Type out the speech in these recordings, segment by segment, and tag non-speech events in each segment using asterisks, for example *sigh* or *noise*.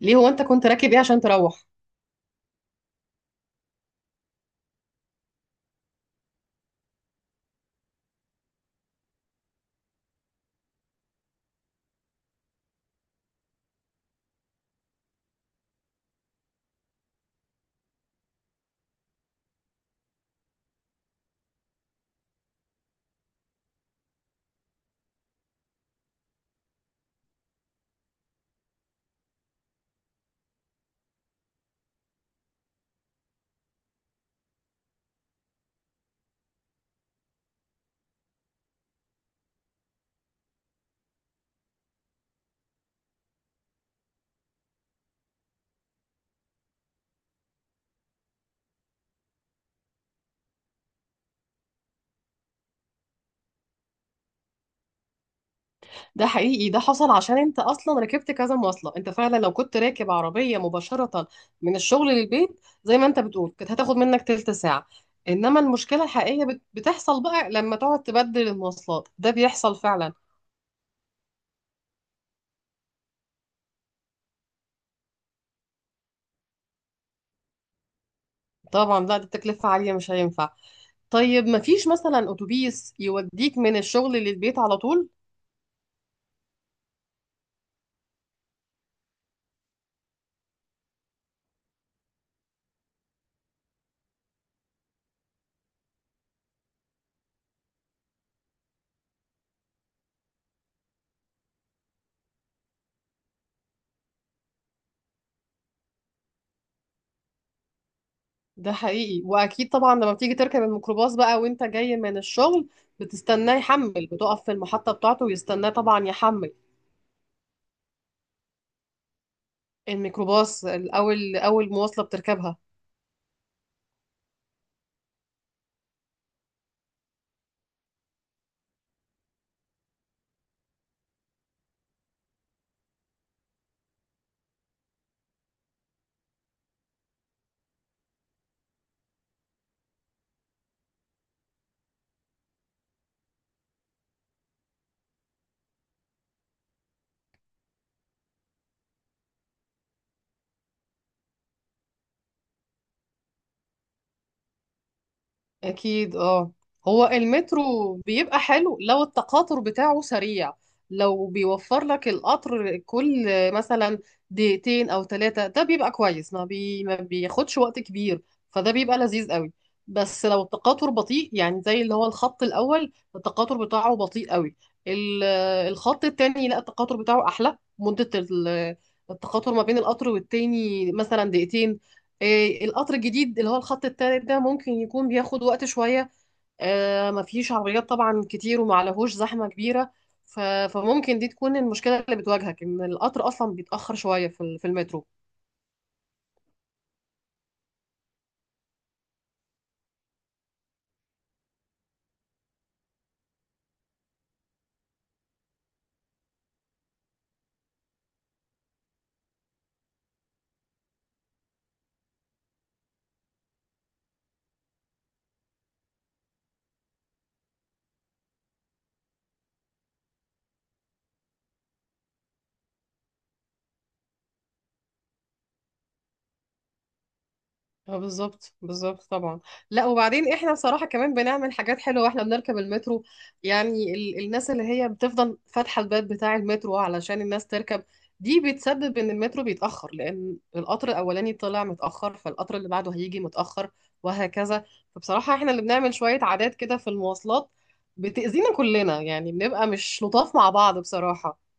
ليه؟ هو انت كنت راكب ايه عشان تروح؟ ده حقيقي، ده حصل عشان انت اصلا ركبت كذا مواصله. انت فعلا لو كنت راكب عربيه مباشره من الشغل للبيت زي ما انت بتقول كانت هتاخد منك تلت ساعه. انما المشكله الحقيقيه بتحصل بقى لما تقعد تبدل المواصلات. ده بيحصل فعلا. طبعا، لا. دي تكلفه عاليه، مش هينفع. طيب مفيش مثلا اتوبيس يوديك من الشغل للبيت على طول؟ ده حقيقي، واكيد طبعا لما بتيجي تركب الميكروباص بقى وانت جاي من الشغل بتستناه يحمل. بتقف في المحطة بتاعته ويستناه طبعا يحمل. الميكروباص الاول، اول مواصلة بتركبها. أكيد. اه، هو المترو بيبقى حلو لو التقاطر بتاعه سريع. لو بيوفر لك القطر كل مثلا دقيقتين أو 3، ده بيبقى كويس، ما بياخدش وقت كبير. فده بيبقى لذيذ قوي. بس لو التقاطر بطيء، يعني زي اللي هو الخط الأول التقاطر بتاعه بطيء قوي. ال- الخط التاني لا، التقاطر بتاعه أحلى. مدة التقاطر ما بين القطر والتاني مثلا دقيقتين. القطر الجديد اللي هو الخط التالت ده ممكن يكون بياخد وقت شوية. مفيش عربيات طبعا كتير ومعلهوش زحمة كبيرة. ف- فممكن دي تكون المشكلة اللي بتواجهك، إن القطر أصلا بيتأخر شوية في المترو. اه، بالظبط، بالظبط طبعا. لا، وبعدين احنا صراحة كمان بنعمل حاجات حلوة واحنا بنركب المترو. يعني الناس اللي هي بتفضل فاتحة الباب بتاع المترو علشان الناس تركب، دي بتسبب ان المترو بيتأخر، لان القطر الاولاني طلع متأخر فالقطر اللي بعده هيجي متأخر وهكذا. فبصراحة احنا اللي بنعمل شوية عادات كده في المواصلات بتأذينا كلنا. يعني بنبقى مش لطاف مع بعض بصراحة.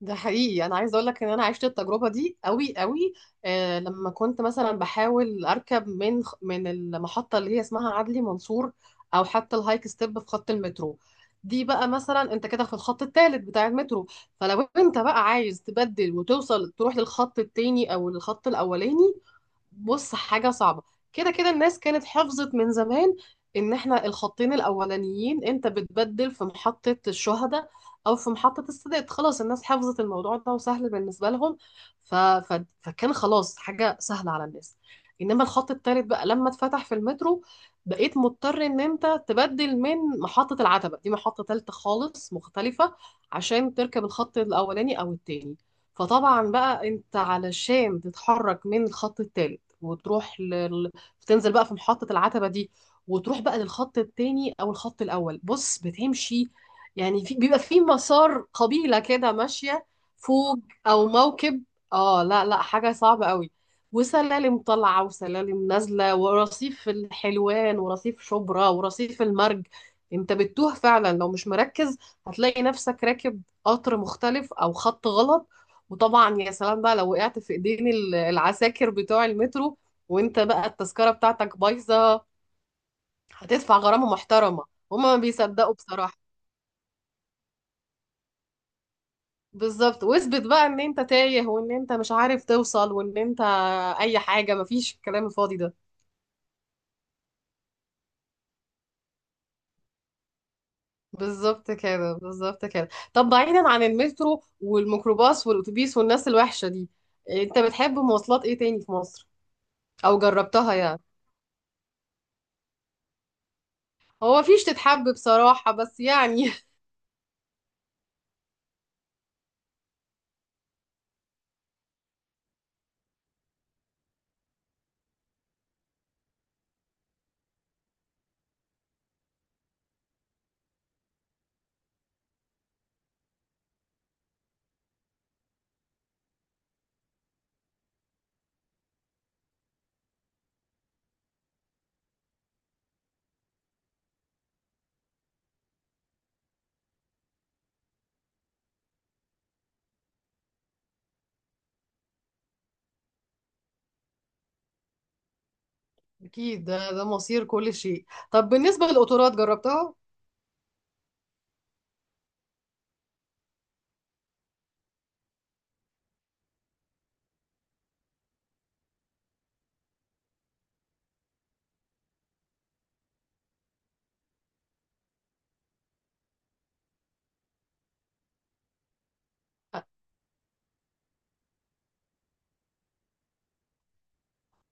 ده حقيقي، انا عايزه اقول لك ان انا عشت التجربه دي قوي قوي. لما كنت مثلا بحاول اركب من المحطه اللي هي اسمها عدلي منصور، او حتى الهايك ستيب، في خط المترو. دي بقى مثلا انت كده في الخط الثالث بتاع المترو. فلو انت بقى عايز تبدل وتوصل تروح للخط التاني او الخط الاولاني، بص، حاجة صعبة. كده كده الناس كانت حفظت من زمان ان احنا الخطين الاولانيين انت بتبدل في محطة الشهداء، او في محطة السادات. خلاص، الناس حفظت الموضوع ده وسهل بالنسبة لهم. فكان خلاص حاجة سهلة على الناس. انما الخط التالت بقى لما اتفتح في المترو، بقيت مضطر ان انت تبدل من محطة العتبة. دي محطة تالتة خالص مختلفة عشان تركب الخط الاولاني او التاني. فطبعا بقى انت علشان تتحرك من الخط التالت، وتروح لل... تنزل بقى في محطة العتبة دي وتروح بقى للخط التاني او الخط الاول. بص، بتمشي يعني بيبقى في مسار قبيلة كده ماشية فوق، او موكب. اه، لا لا، حاجة صعبة قوي، وسلالم طالعة وسلالم نازلة، ورصيف الحلوان ورصيف شبرا ورصيف المرج. انت بتتوه فعلا لو مش مركز. هتلاقي نفسك راكب قطر مختلف او خط غلط. وطبعا يا سلام بقى لو وقعت في ايدين العساكر بتوع المترو وانت بقى التذكرة بتاعتك بايظة. هتدفع غرامة محترمة. هما ما بيصدقوا بصراحة. بالظبط. واثبت بقى ان انت تايه وان انت مش عارف توصل وان انت اي حاجة. مفيش الكلام الفاضي ده. بالظبط كده، بالظبط كده. طب، بعيدا عن المترو والميكروباص والاتوبيس والناس الوحشة دي، انت بتحب مواصلات ايه تاني في مصر؟ او جربتها يعني؟ هو مفيش تتحب بصراحة، بس يعني. *laughs* اكيد. ده مصير كل شيء. طب بالنسبة للقطارات، جربتها؟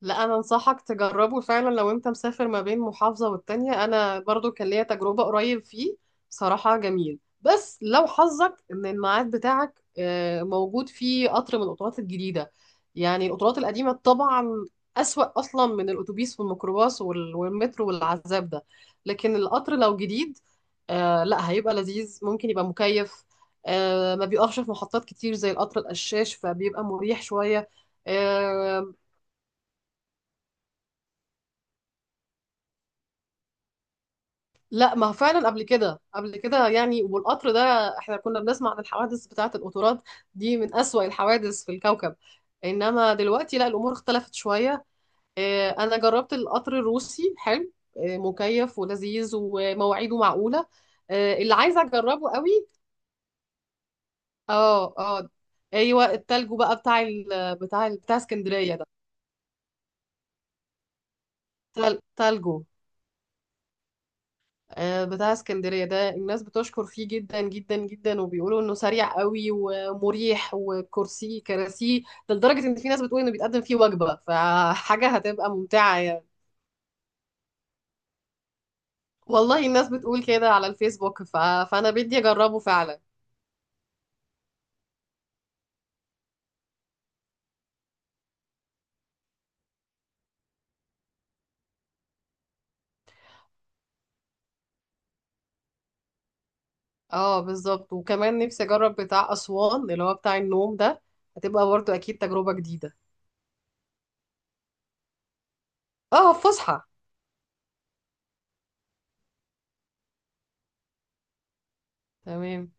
لا، انا انصحك تجربه فعلا. لو انت مسافر ما بين محافظة والتانية، انا برضو كان ليا تجربة قريب فيه. صراحة جميل، بس لو حظك ان الميعاد بتاعك موجود فيه قطر من القطارات الجديدة. يعني القطارات القديمة طبعا اسوأ اصلا من الاتوبيس والميكروباص والمترو والعذاب ده. لكن القطر لو جديد، لا، هيبقى لذيذ، ممكن يبقى مكيف. ما بيقفش في محطات كتير زي القطر القشاش، فبيبقى مريح شوية. آه، لا ما هو فعلا قبل كده، قبل كده يعني. والقطر ده احنا كنا بنسمع عن الحوادث بتاعة القطورات، دي من أسوأ الحوادث في الكوكب. انما دلوقتي لا، الامور اختلفت شوية. انا جربت القطر الروسي، حلو، مكيف ولذيذ ومواعيده معقولة. اللي عايزة اجربه قوي. اه اه، ايوه، التلجو بقى بتاع اسكندرية ده. تلجو. بتاع اسكندرية ده الناس بتشكر فيه جدا جدا جدا، وبيقولوا انه سريع قوي ومريح، كراسيه. ده لدرجة ان في ناس بتقول انه بيتقدم فيه وجبة. فحاجة هتبقى ممتعة يعني. والله الناس بتقول كده على الفيسبوك. فانا بدي اجربه فعلا. اه، بالظبط. وكمان نفسي اجرب بتاع اسوان اللي هو بتاع النوم ده. هتبقى برضو اكيد تجربة جديدة. اه، فسحة. تمام.